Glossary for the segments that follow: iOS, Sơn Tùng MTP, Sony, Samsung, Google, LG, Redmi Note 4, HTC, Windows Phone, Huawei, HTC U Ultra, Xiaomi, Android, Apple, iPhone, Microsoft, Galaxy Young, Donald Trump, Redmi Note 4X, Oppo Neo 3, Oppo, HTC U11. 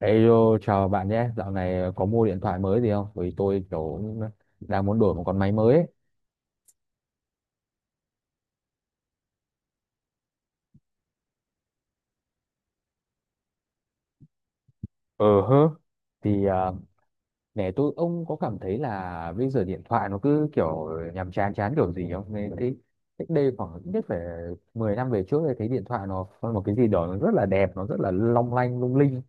Hello, chào bạn nhé. Dạo này có mua điện thoại mới gì không? Bởi vì tôi kiểu cũng đang muốn đổi một con máy mới ấy. Ờ hơ. Thì nè tôi ông có cảm thấy là bây giờ điện thoại nó cứ kiểu nhàm chán chán kiểu gì không? Nên thấy cách đây khoảng ít nhất phải 10 năm về trước thì thấy điện thoại nó có một cái gì đó nó rất là đẹp, nó rất là long lanh lung linh.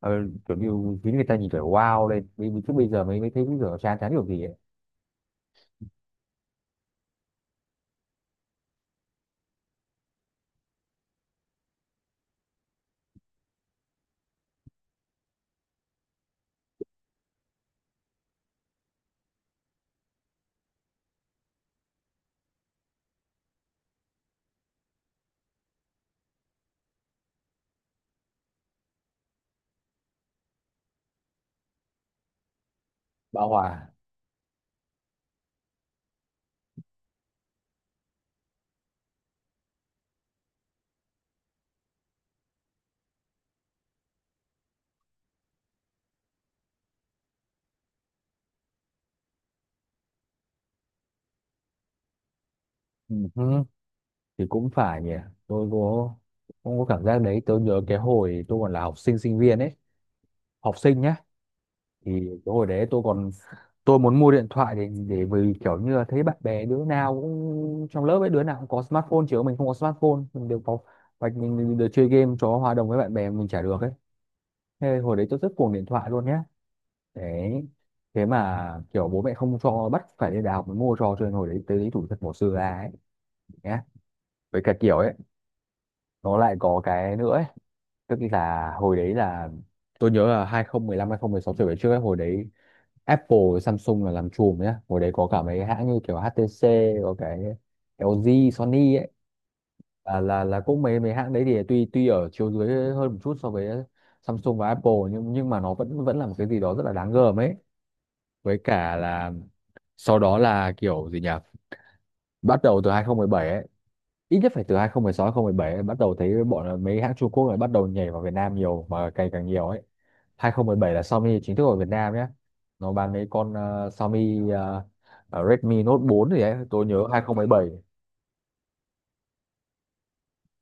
Ờ, kiểu như khiến người ta nhìn phải wow lên. Vì- vì Chứ bây giờ mới mới thấy bây giờ chán chán kiểu gì ấy. Bão hòa. Ừ. Thì cũng phải nhỉ. Tôi có Cũng có cảm giác đấy. Tôi nhớ cái hồi tôi còn là học sinh sinh viên ấy, học sinh nhá. Thì cái hồi đấy tôi muốn mua điện thoại để vì kiểu như là thấy bạn bè đứa nào cũng trong lớp ấy, đứa nào cũng có smartphone chứ mình không có smartphone, mình đều có và mình được chơi game cho hòa đồng với bạn bè, mình chả được ấy. Thế hồi đấy tôi rất cuồng điện thoại luôn nhá. Đấy thế mà kiểu bố mẹ không cho, bắt phải đi đại học mới mua cho nên hồi đấy tới lý thủ thật bỏ xưa ra ấy nhá. Với cả kiểu ấy, nó lại có cái nữa ấy. Tức là hồi đấy là tôi nhớ là 2015 sáu trở về trước ấy, hồi đấy Apple với Samsung là làm chùm nhá. Hồi đấy có cả mấy hãng như kiểu HTC, có cái LG, Sony ấy, là cũng mấy mấy hãng đấy thì tuy tuy ở chiều dưới hơn một chút so với Samsung và Apple, nhưng mà nó vẫn vẫn là một cái gì đó rất là đáng gờm ấy. Với cả là sau đó là kiểu gì nhỉ? Bắt đầu từ 2017 ấy, ít nhất phải từ 2016 2017 em bắt đầu thấy bọn mấy hãng Trung Quốc này bắt đầu nhảy vào Việt Nam nhiều mà càng càng nhiều ấy. 2017 là Xiaomi chính thức ở Việt Nam nhé. Nó bán mấy con Xiaomi Redmi Note 4 gì đấy tôi nhớ 2017.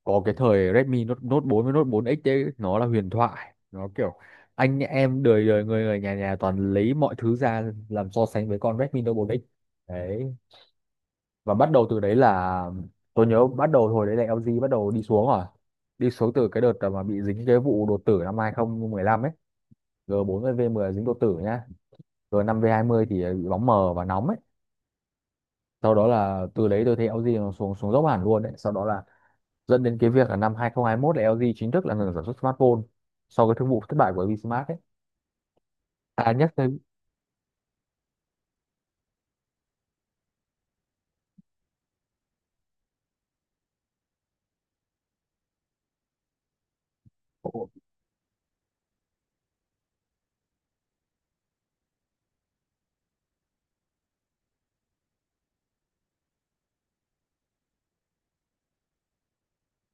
Có cái thời Redmi Note, Note 4 với Note 4X đấy nó là huyền thoại, nó kiểu anh em đời đời người người nhà nhà toàn lấy mọi thứ ra làm so sánh với con Redmi Note 4X. Đấy, và bắt đầu từ đấy là tôi nhớ bắt đầu hồi đấy là LG bắt đầu đi xuống rồi, đi xuống từ cái đợt mà bị dính cái vụ đột tử năm 2015 ấy. G40 V10 dính đột tử nhá, G5 v mươi thì bị bóng mờ và nóng ấy. Sau đó là từ đấy tôi thấy LG nó xuống xuống dốc hẳn luôn. Đấy sau đó là dẫn đến cái việc là năm 2021 là LG chính thức là ngừng sản xuất smartphone sau cái thương vụ thất bại của LG Smart ấy. À nhắc tới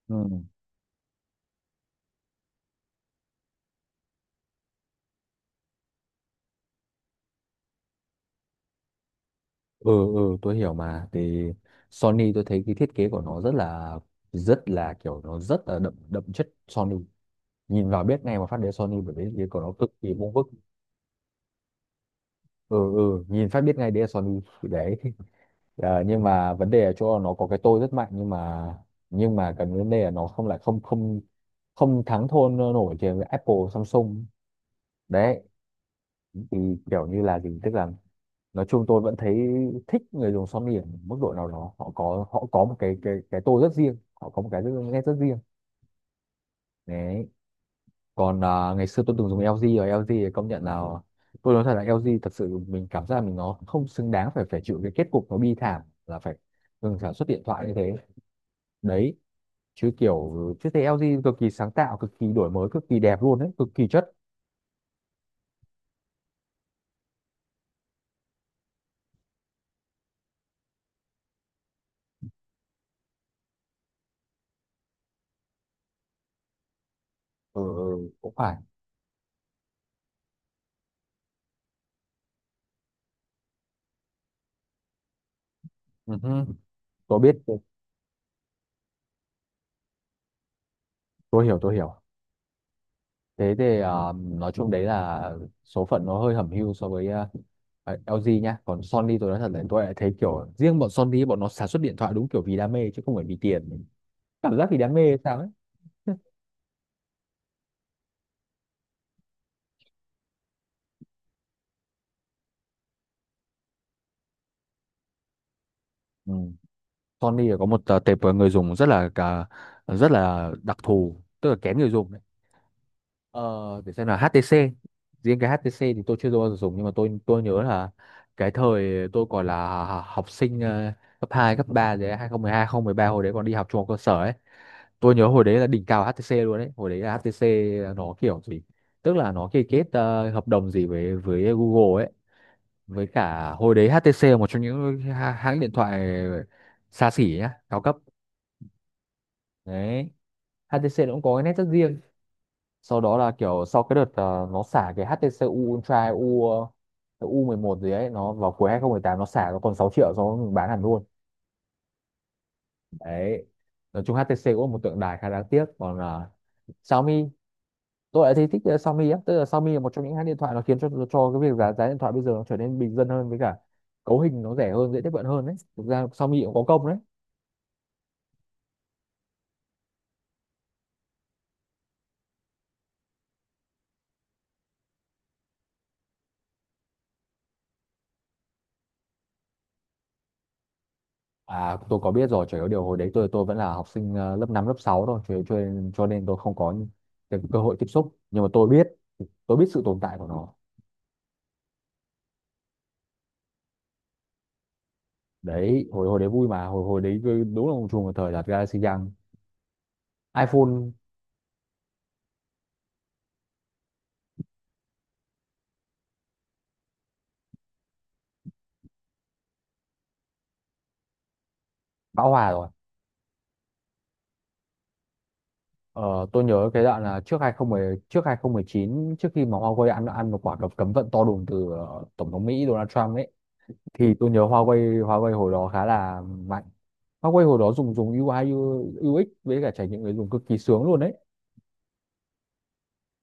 Ừ. Ừ ừ, tôi hiểu mà. Thì Sony tôi thấy cái thiết kế của nó rất là kiểu nó rất là đậm đậm chất Sony, nhìn vào biết ngay mà phát đến Sony bởi vì thiết kế của nó cực kỳ vuông vức. Ừ ừ, nhìn phát biết ngay đấy là Sony đấy. Nhưng mà vấn đề ở chỗ là nó có cái tôi rất mạnh, nhưng mà cái vấn đề là nó không lại không không không thắng thôn nổi trên Apple Samsung. Đấy thì kiểu như là gì, tức là nói chung tôi vẫn thấy thích người dùng Sony ở mức độ nào đó, họ có một cái cái tôi rất riêng, họ có một nét rất riêng. Đấy, còn ngày xưa tôi từng dùng LG rồi, LG thì công nhận là tôi nói thật là LG thật sự mình cảm giác là mình nó không xứng đáng phải phải chịu cái kết cục nó bi thảm là phải ngừng sản xuất điện thoại như thế. Đấy chứ kiểu chứ thấy LG cực kỳ sáng tạo, cực kỳ đổi mới, cực kỳ đẹp luôn đấy, cực kỳ chất. Ừ, ừ, cũng phải. Ừ tôi biết. Tôi hiểu, tôi hiểu. Thế thì nói chung đấy là số phận nó hơi hẩm hiu so với LG nhá. Còn Sony tôi nói thật là tôi lại thấy kiểu riêng bọn Sony, bọn nó sản xuất điện thoại đúng kiểu vì đam mê chứ không phải vì tiền, cảm giác vì đam mê hay sao ấy. Ừ. Sony có một tệp người dùng rất là đặc thù, tức là kén người dùng đấy. Ờ, để xem là HTC, riêng cái HTC thì tôi chưa bao giờ dùng nhưng mà tôi nhớ là cái thời tôi còn là học sinh cấp 2 cấp 3 đấy, 2012, 2013 hồi đấy còn đi học trung học cơ sở ấy. Tôi nhớ hồi đấy là đỉnh cao HTC luôn đấy, hồi đấy là HTC nó kiểu gì, tức là nó ký kết hợp đồng gì với Google ấy. Với cả hồi đấy HTC là một trong những hãng điện thoại xa xỉ nhá, cao cấp. Đấy, HTC nó cũng có cái nét rất riêng. Sau đó là kiểu sau cái đợt nó xả cái HTC U Ultra, U11 gì ấy nó vào cuối 2018, nó xả nó còn 6 triệu, sau đó mình bán hẳn luôn. Đấy, nói chung HTC cũng là một tượng đài khá đáng tiếc. Còn Xiaomi, tôi lại thấy thích Xiaomi á, tức là Xiaomi là một trong những hãng điện thoại nó khiến cho cái việc giá giá điện thoại bây giờ nó trở nên bình dân hơn, với cả cấu hình nó rẻ hơn, dễ tiếp cận hơn. Đấy, thực ra Xiaomi cũng có công đấy. Tôi có biết rồi, chỉ có điều hồi đấy tôi vẫn là học sinh lớp 5 lớp 6 thôi, cho nên tôi không có những cái cơ hội tiếp xúc, nhưng mà tôi biết sự tồn tại của nó. Đấy hồi hồi đấy vui mà, hồi hồi đấy đúng là một chùm một thời là Galaxy Young, iPhone. Bão hòa rồi. Ờ, tôi nhớ cái đoạn là trước 2010, trước 2019 trước khi mà Huawei ăn ăn một quả cấm cấm vận to đùng từ tổng thống Mỹ Donald Trump ấy. Thì tôi nhớ Huawei Huawei hồi đó khá là mạnh. Huawei hồi đó dùng dùng UI UX với cả trải nghiệm người dùng cực kỳ sướng luôn đấy.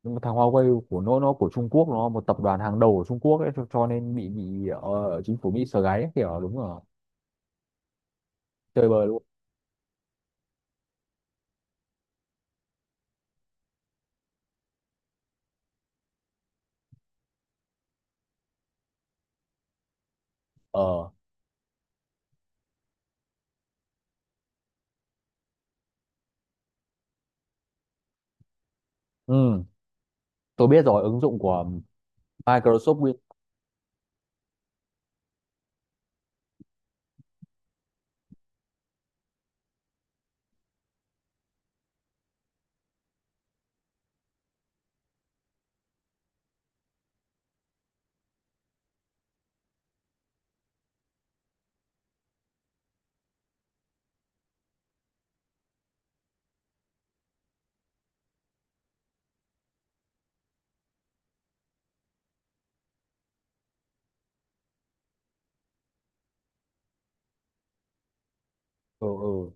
Nhưng mà thằng Huawei của nó của Trung Quốc, nó một tập đoàn hàng đầu của Trung Quốc ấy, cho nên bị chính phủ Mỹ sờ gáy ấy, kiểu đúng rồi, chơi bời luôn. Ờ ừ, tôi biết rồi, ứng dụng của Microsoft Win. Ừ, ừ.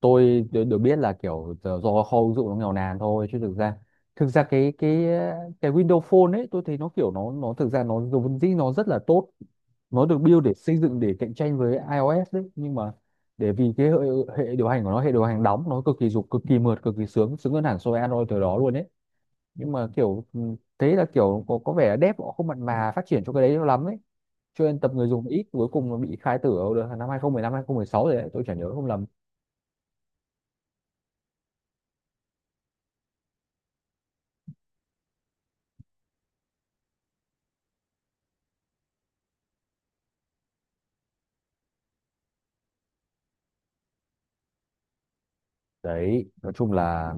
tôi được Được biết là kiểu giờ do kho ứng dụng nó nghèo nàn thôi, chứ thực ra cái Windows Phone ấy tôi thấy nó kiểu nó thực ra nó vốn dĩ nó rất là tốt. Nó được build để xây dựng để cạnh tranh với iOS đấy, nhưng mà để vì cái hệ điều hành của nó, hệ điều hành đóng nó cực kỳ dục, cực kỳ mượt, cực kỳ sướng sướng hơn hẳn so với Android từ đó luôn ấy. Nhưng mà kiểu thế là kiểu có vẻ là dev họ không mặn mà phát triển cho cái đấy cho lắm ấy, cho nên tập người dùng ít, cuối cùng nó bị khai tử ở năm 2015 2016 rồi đấy tôi chả nhớ không lầm. Đấy,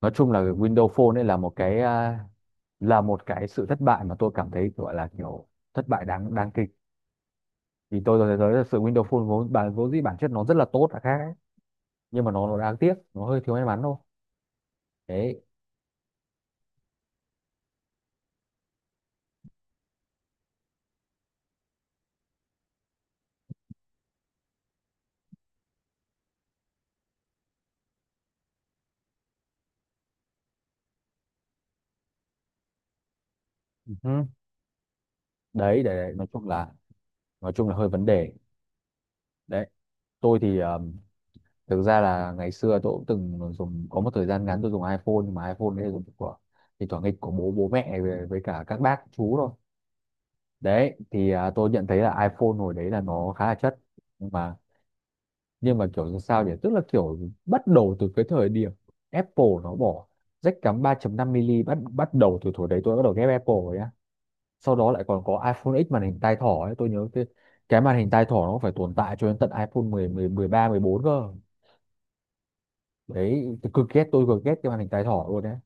nói chung là Windows Phone ấy là là một cái sự thất bại mà tôi cảm thấy gọi là kiểu thất bại đáng đáng kịch, thì tôi thấy tới sự Windows Phone vốn dĩ bản chất nó rất là tốt là khác ấy. Nhưng mà nó đáng tiếc, nó hơi thiếu may mắn thôi. Đấy. Ừ. Đấy đấy, đấy. Nói chung là hơi vấn đề đấy. Tôi thì thực ra là ngày xưa tôi cũng từng dùng có một thời gian ngắn tôi dùng iPhone, nhưng mà iPhone đấy là dùng của thì thoảng nghịch của bố bố mẹ với cả các bác chú thôi. Đấy thì tôi nhận thấy là iPhone hồi đấy là nó khá là chất, nhưng mà kiểu làm sao nhỉ, tức là kiểu bắt đầu từ cái thời điểm Apple nó bỏ jack cắm 3.5 mm, bắt bắt đầu từ thời đấy tôi bắt đầu ghét Apple rồi á. Sau đó lại còn có iPhone X màn hình tai thỏ ấy, tôi nhớ cái màn hình tai thỏ nó phải tồn tại cho đến tận iPhone mười mười 13 14 cơ. Đấy, tôi cực ghét, tôi cực ghét cái màn hình tai thỏ luôn đấy.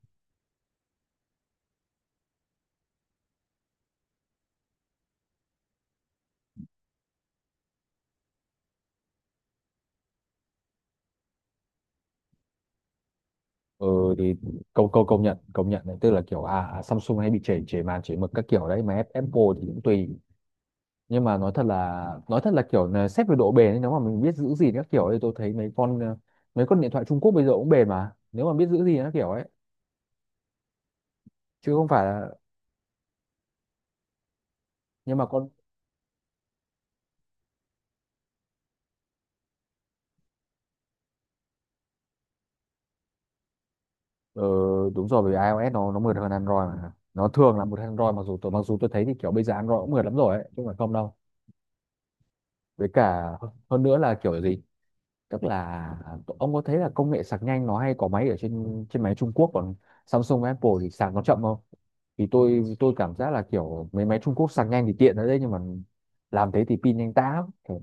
Ừ thì câu câu công nhận, đấy tức là kiểu Samsung hay bị chảy chảy màn, chảy mực các kiểu đấy, mà Apple thì cũng tùy. Nhưng mà nói thật là kiểu là xét về độ bền ấy, nếu mà mình biết giữ gìn các kiểu thì tôi thấy mấy con điện thoại Trung Quốc bây giờ cũng bền mà nếu mà biết giữ gìn các kiểu ấy, chứ không phải là nhưng mà con ờ, đúng rồi, bởi vì iOS nó mượt hơn Android mà nó thường là một Android, mặc dù tôi thấy thì kiểu bây giờ Android cũng mượt lắm rồi ấy chứ không phải không đâu. Với cả hơn nữa là kiểu gì, tức là ông có thấy là công nghệ sạc nhanh nó hay có máy ở trên trên máy Trung Quốc còn Samsung và Apple thì sạc nó chậm không? Thì tôi cảm giác là kiểu mấy máy Trung Quốc sạc nhanh thì tiện ở đấy, nhưng mà làm thế thì pin nhanh tá lắm.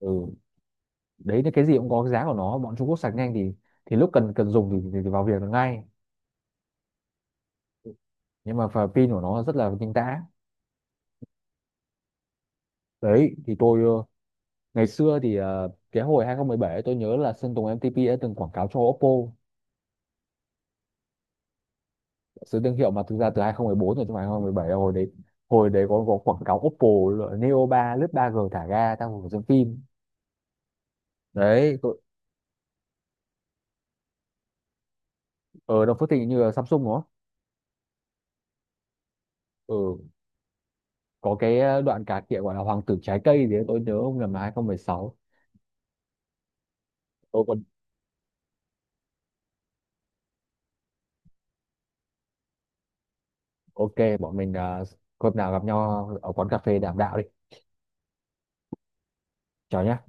Ừ, đấy là cái gì cũng có cái giá của nó, bọn Trung Quốc sạc nhanh thì lúc cần cần dùng thì vào việc được ngay, nhưng mà và pin của nó rất là nhanh tá. Đấy thì tôi ngày xưa thì cái hồi 2017 tôi nhớ là Sơn Tùng MTP đã từng quảng cáo cho Oppo. Sự thương hiệu mà thực ra từ 2014 rồi chứ không phải 2017 đâu. Hồi đấy có quảng cáo Oppo là Neo 3 lướt 3G thả ga trong một xem phim. Đấy ở Đồng Phước Thịnh như là Samsung đúng không? Ừ, có cái đoạn cà khịa gọi là Hoàng tử trái cây thì tôi nhớ không nhầm là 2016. Tôi còn ok bọn mình hôm nào gặp nhau ở quán cà phê đàm đạo đi. Chào nhá.